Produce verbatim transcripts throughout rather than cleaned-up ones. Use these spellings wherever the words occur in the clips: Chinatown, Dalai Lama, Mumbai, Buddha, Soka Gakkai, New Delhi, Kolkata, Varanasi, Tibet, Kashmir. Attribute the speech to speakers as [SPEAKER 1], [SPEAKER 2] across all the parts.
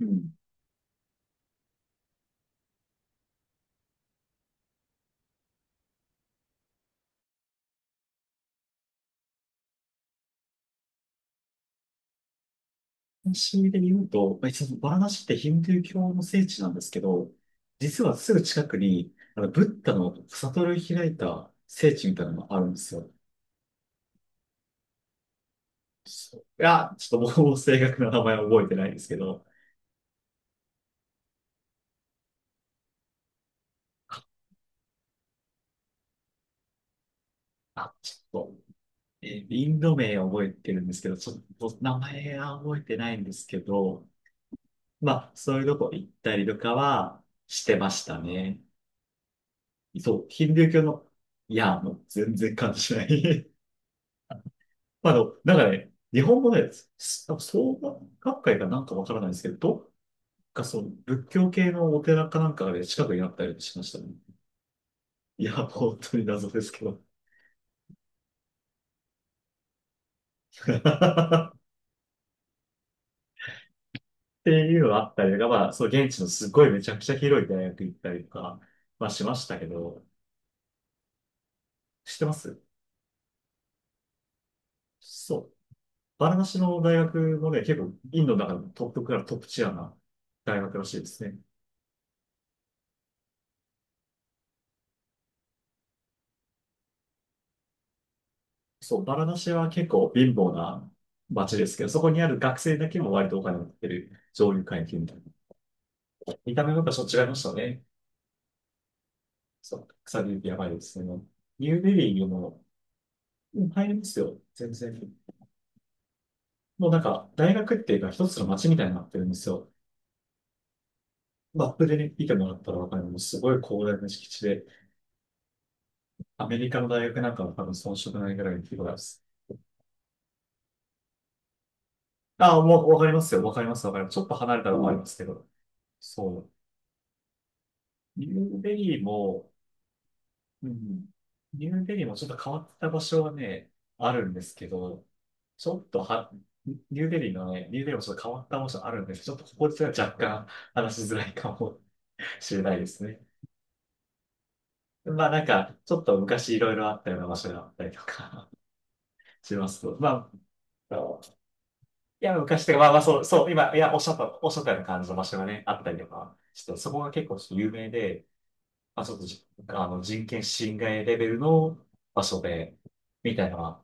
[SPEAKER 1] うん。そういう意味で言うと、まあ、一応バラナシってヒンドゥー教の聖地なんですけど、実はすぐ近くに、あの、ブッダの悟り開いた聖地みたいなのがあるんですよ。そういや、ちょっともう正確な名前は覚えてないんですけど、あ、ちょっと、えーインド名を覚えてるんですけど、ちょっと名前は覚えてないんですけど、まあ、そういうとこ行ったりとかはしてましたね。そう、ヒンドゥー教の、いや、もう全然感じない。まああの、なんかね、日本語で、すなんか創価学会かなんかわからないですけど、どっかその仏教系のお寺かなんかで近くにあったりしましたね。いや、本当に謎ですけど。っていうのがあったりとか、まあ、そう、現地のすごいめちゃくちゃ広い大学行ったりとか、まあしましたけど、知ってます。そう。バラナシの大学もね、結構インドの中でもトップクラス、トップチアな大学らしいですね。そう、バラナシは結構貧乏な街ですけど、そこにある学生だけも割とお金を持ってる上流階級みたいな。見た目もやっぱちょっと違いましたね。そう、草ビューティーやばいですね。ニューデリーにも、うん、入りますよ、全然。もうなんか、大学っていうか一つの街みたいになってるんですよ。マップでね、見てもらったらわかる、もうすごい広大な敷地で、アメリカの大学なんかは多分遜色ないぐらいの規模です。ああ、もうわかりますよ、わかります、わかります。ちょっと離れたらわかりますけど。そう。ニューデリーも、うん。ニューデリーもちょっと変わった場所はね、あるんですけど、ちょっとは、ニューデリーのね、ニューデリーもちょっと変わった場所あるんですけど、ちょっとここでは若干話しづらいかもしれないですね。まあなんか、ちょっと昔いろいろあったような場所があったりとか しますと、まあ、あのいや、昔とか、まあまあそう、そう、今、いや、おっしゃった、おっしゃったような感じの場所がね、あったりとか、ちょっとそこが結構ちょっと有名で、まあちょっとじ、あの、人権侵害レベルの場所で、みたいなのは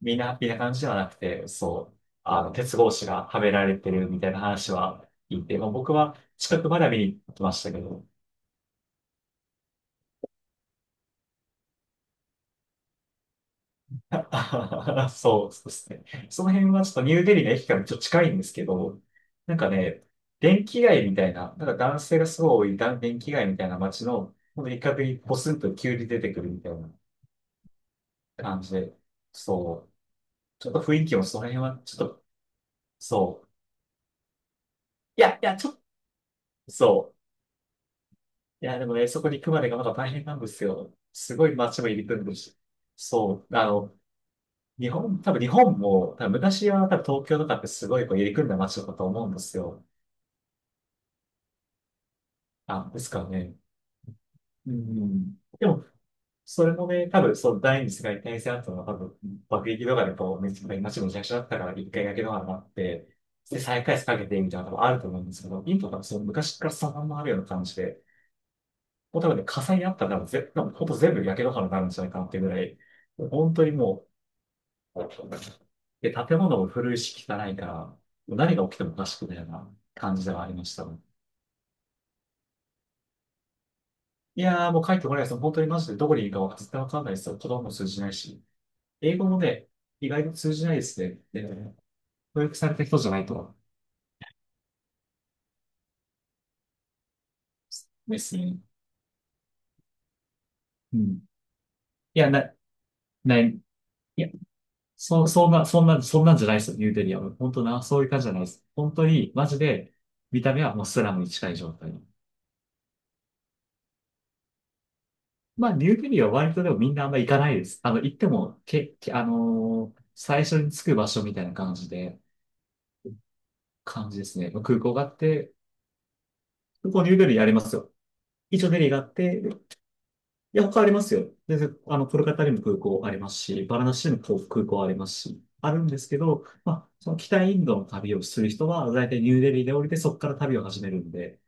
[SPEAKER 1] みんなハッピーな感じではなくて、そう、あの、鉄格子がはめられてるみたいな話は聞いて、まあ、僕は近くまでは見に行きましたけど、そう、そうですね。その辺はちょっとニューデリーの駅からちょっと近いんですけど、なんかね、電気街みたいな、なんか男性がすごい多いだ電気街みたいな街の、ほんと一角にポツンと急に出てくるみたいな感じで、そう、ちょっと雰囲気もその辺はちょっと、そう、いや、いや、ちょっと、そう。いや、でもね、そこに行くまでがまだ大変なんですよ。すごい街も入り組んでるし。そう。あの、日本、多分日本も、多分昔は多分東京とかってすごいこう入り組んだ街だったと思うんですよ。あ、ですからね。うん。でも、それもね、多分そう、第二次世界大戦後の多分、爆撃とかでこう、めちゃめちゃ街もめちちゃだったから、一回だけのになって、で、再開発かけてみたいなのもあると思うんですけど、インドはそう昔からそのまんまあるような感じで、もう多分ね、火災にあったら多分ぜ、多分ほんと全部焼け野原になるんじゃないかなっていうぐらい、本当にもう、で、建物も古いし汚いから、もう何が起きてもおかしくないような感じではありました。いやーもう帰ってこないです。本当にマジでどこにいるかは絶対わかんないですよ。子供も通じないし。英語もね、意外と通じないですね。で、教育された人じゃないと。ですね。うん。いや、な、ない。そ、そんな、そんな、そんなんじゃないですよ、ニューデリアは。本当な、そういう感じじゃないです。本当に、マジで、見た目はもうスラムに近い状態の。まあ、ニューデリアは割とでもみんなあんま行かないです。あの、行っても、け、け、あのー最初に着く場所みたいな感じで、感じですね。空港があって、空港ニューデリアありますよ。一応デリーがあって、いや、他ありますよ。で、あの、コルカタにも空港ありますし、バラナシにも空港ありますし、あるんですけど、まあ、その北インドの旅をする人は、大体ニューデリーで降りて、そこから旅を始めるんで、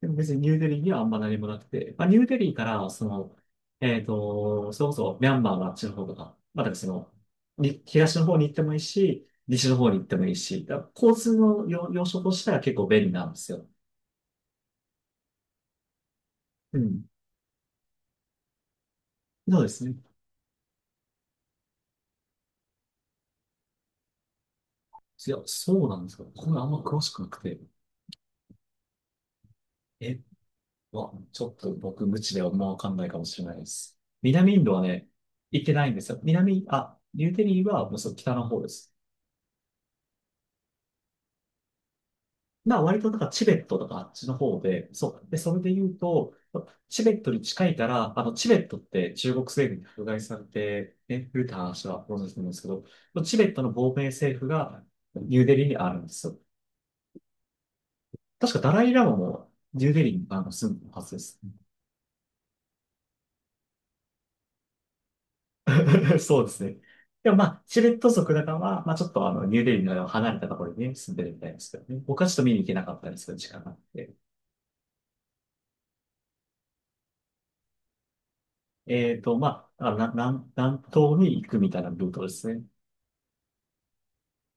[SPEAKER 1] でも別にニューデリーにはあんま何もなくて、まあ、ニューデリーから、その、えっと、それこそミャンマーのあっちの方とか、まあ、だからその、に東の方に行ってもいいし、西の方に行ってもいいし、だから交通の要、要所としては結構便利なんですよ。うん。そうですね。いや、そうなんですよ。これあんま詳しくなくて。え、わ、ちょっと僕無知ではもうわかんないかもしれないです。南インドはね、行ってないんですよ。南、あ、ニューデリーはもうそう北の方です。まあ割となんかチベットとかあっちの方で、そう。で、それで言うと、チベットに近いから、あの、チベットって中国政府に迫害されて、ね、古田話はご存知なんですけど、チベットの亡命政府がニューデリーにあるんですよ。確かダライラマもニューデリーにあの住んでるはずです。そうですね。でもまあ、チベット族だからは、まあちょっとあの、ニューデリーの離れたところにね、住んでるみたいですけどね。僕はちょっと見に行けなかったんですけど、時間があって。えっと、まあ、あのな南、南東に行くみたいなルートですね。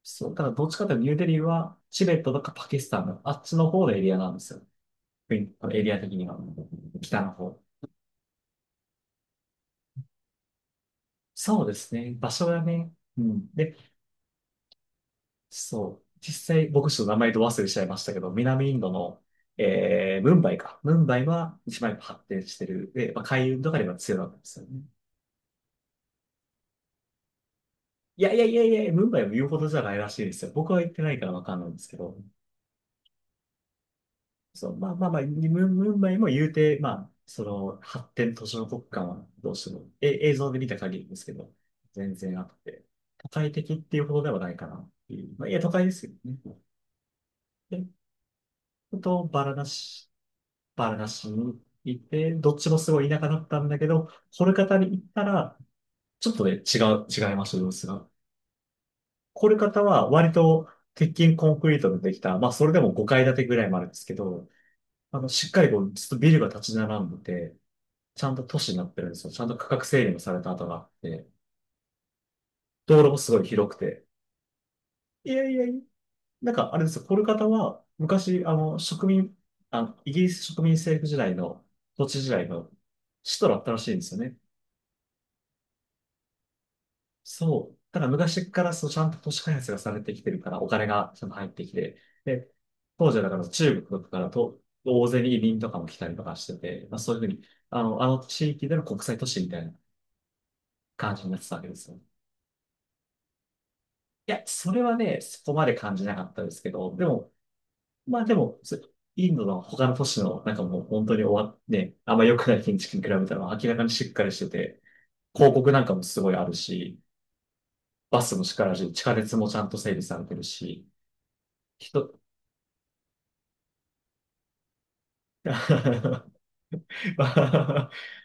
[SPEAKER 1] そう、だからどっちかというとニューデリーはチベットとかパキスタンのあっちの方のエリアなんですよ。国エリア的には。北の方。そうですね。場所がね。うん。で、そう。実際、僕ちょっと名前と忘れちゃいましたけど、南インドの、えー、ムンバイか。ムンバイは一番やっぱ発展してる。で、まあ、海運とかでは強いわけですよね。いやいやいやいや、ムンバイも言うほどじゃないらしいですよ。僕は行ってないからわかんないんですけど。そう、まあまあまあ、ムムンバイも言うて、まあ、その発展途上国家はどうしても、え、映像で見た限りですけど、全然あって、都会的っていうほどではないかなっていう。まあ、いや、都会ですよね。で、あと、バラナシ、バラナシに行って、どっちもすごい田舎だったんだけど、コルカタに行ったら、ちょっとね、違う、違いました、様子が。コルカタは割と鉄筋コンクリートでできた、まあ、それでもごかい建てぐらいもあるんですけど、あの、しっかりこう、ずっとビルが立ち並んでて、ちゃんと都市になってるんですよ。ちゃんと区画整理もされた跡があって、道路もすごい広くて。いやいやいや、なんかあれですよ、コルカタは昔、あの、植民、あの、イギリス植民政府時代の、土地時代の首都だったらしいんですよね。そう。ただ昔からそうちゃんと都市開発がされてきてるから、お金がちゃんと入ってきて、で、当時はだから中国からと、大勢に移民とかも来たりとかしてて、まあ、そういうふうに、あの、あの地域での国際都市みたいな感じになってたわけですよ。いや、それはね、そこまで感じなかったですけど、でも、まあでも、そインドの他の都市の、なんかもう本当に終わって、あんま良くない建築に比べたら明らかにしっかりしてて、広告なんかもすごいあるし、バスもしっからし、地下鉄もちゃんと整備されてるし、人、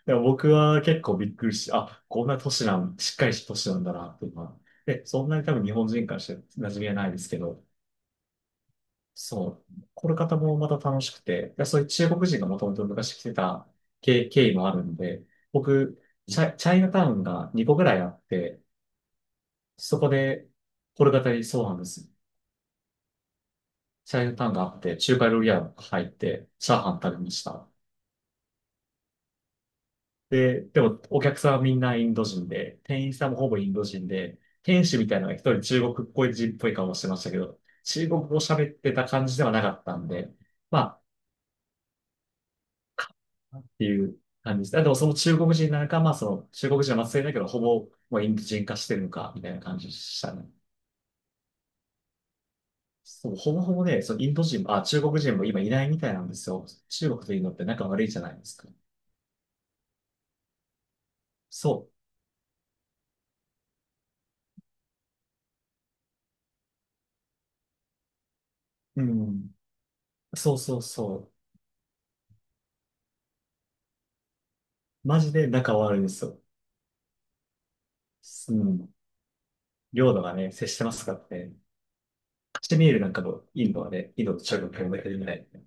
[SPEAKER 1] でも僕は結構びっくりして、あ、こんな都市なん、しっかりした都市なんだな、っていうのは。で、そんなに多分日本人からして馴染みはないですけど、そう。これ方もまた楽しくて、いやそういう中国人がもともと昔来てた経、経緯もあるんで、僕、チャ、チャイナタウンがにこぐらいあって、そこで、これ方にそうなんです。チャイナタウンがあって、中華料理屋が入って、チャーハン食べました。で、でも、お客さんはみんなインド人で、店員さんもほぼインド人で、店主みたいなのが一人中国っぽい人っぽい顔をしてましたけど、中国語喋ってた感じではなかったんで、まあ、っていう感じです。あ、でもその中国人なのか、まあその中国人は末裔だけど、ほぼもうインド人化してるのか、みたいな感じでしたね。そう、ほぼほぼね、そのインド人も、あ、中国人も今いないみたいなんですよ。中国とインドって仲悪いじゃないですか。そう。うん。そうそうそう。マジで仲悪いんですよ。うん。領土がね、接してますからね。カシミールなんかもインドはね、インドと中国が同じみたいな。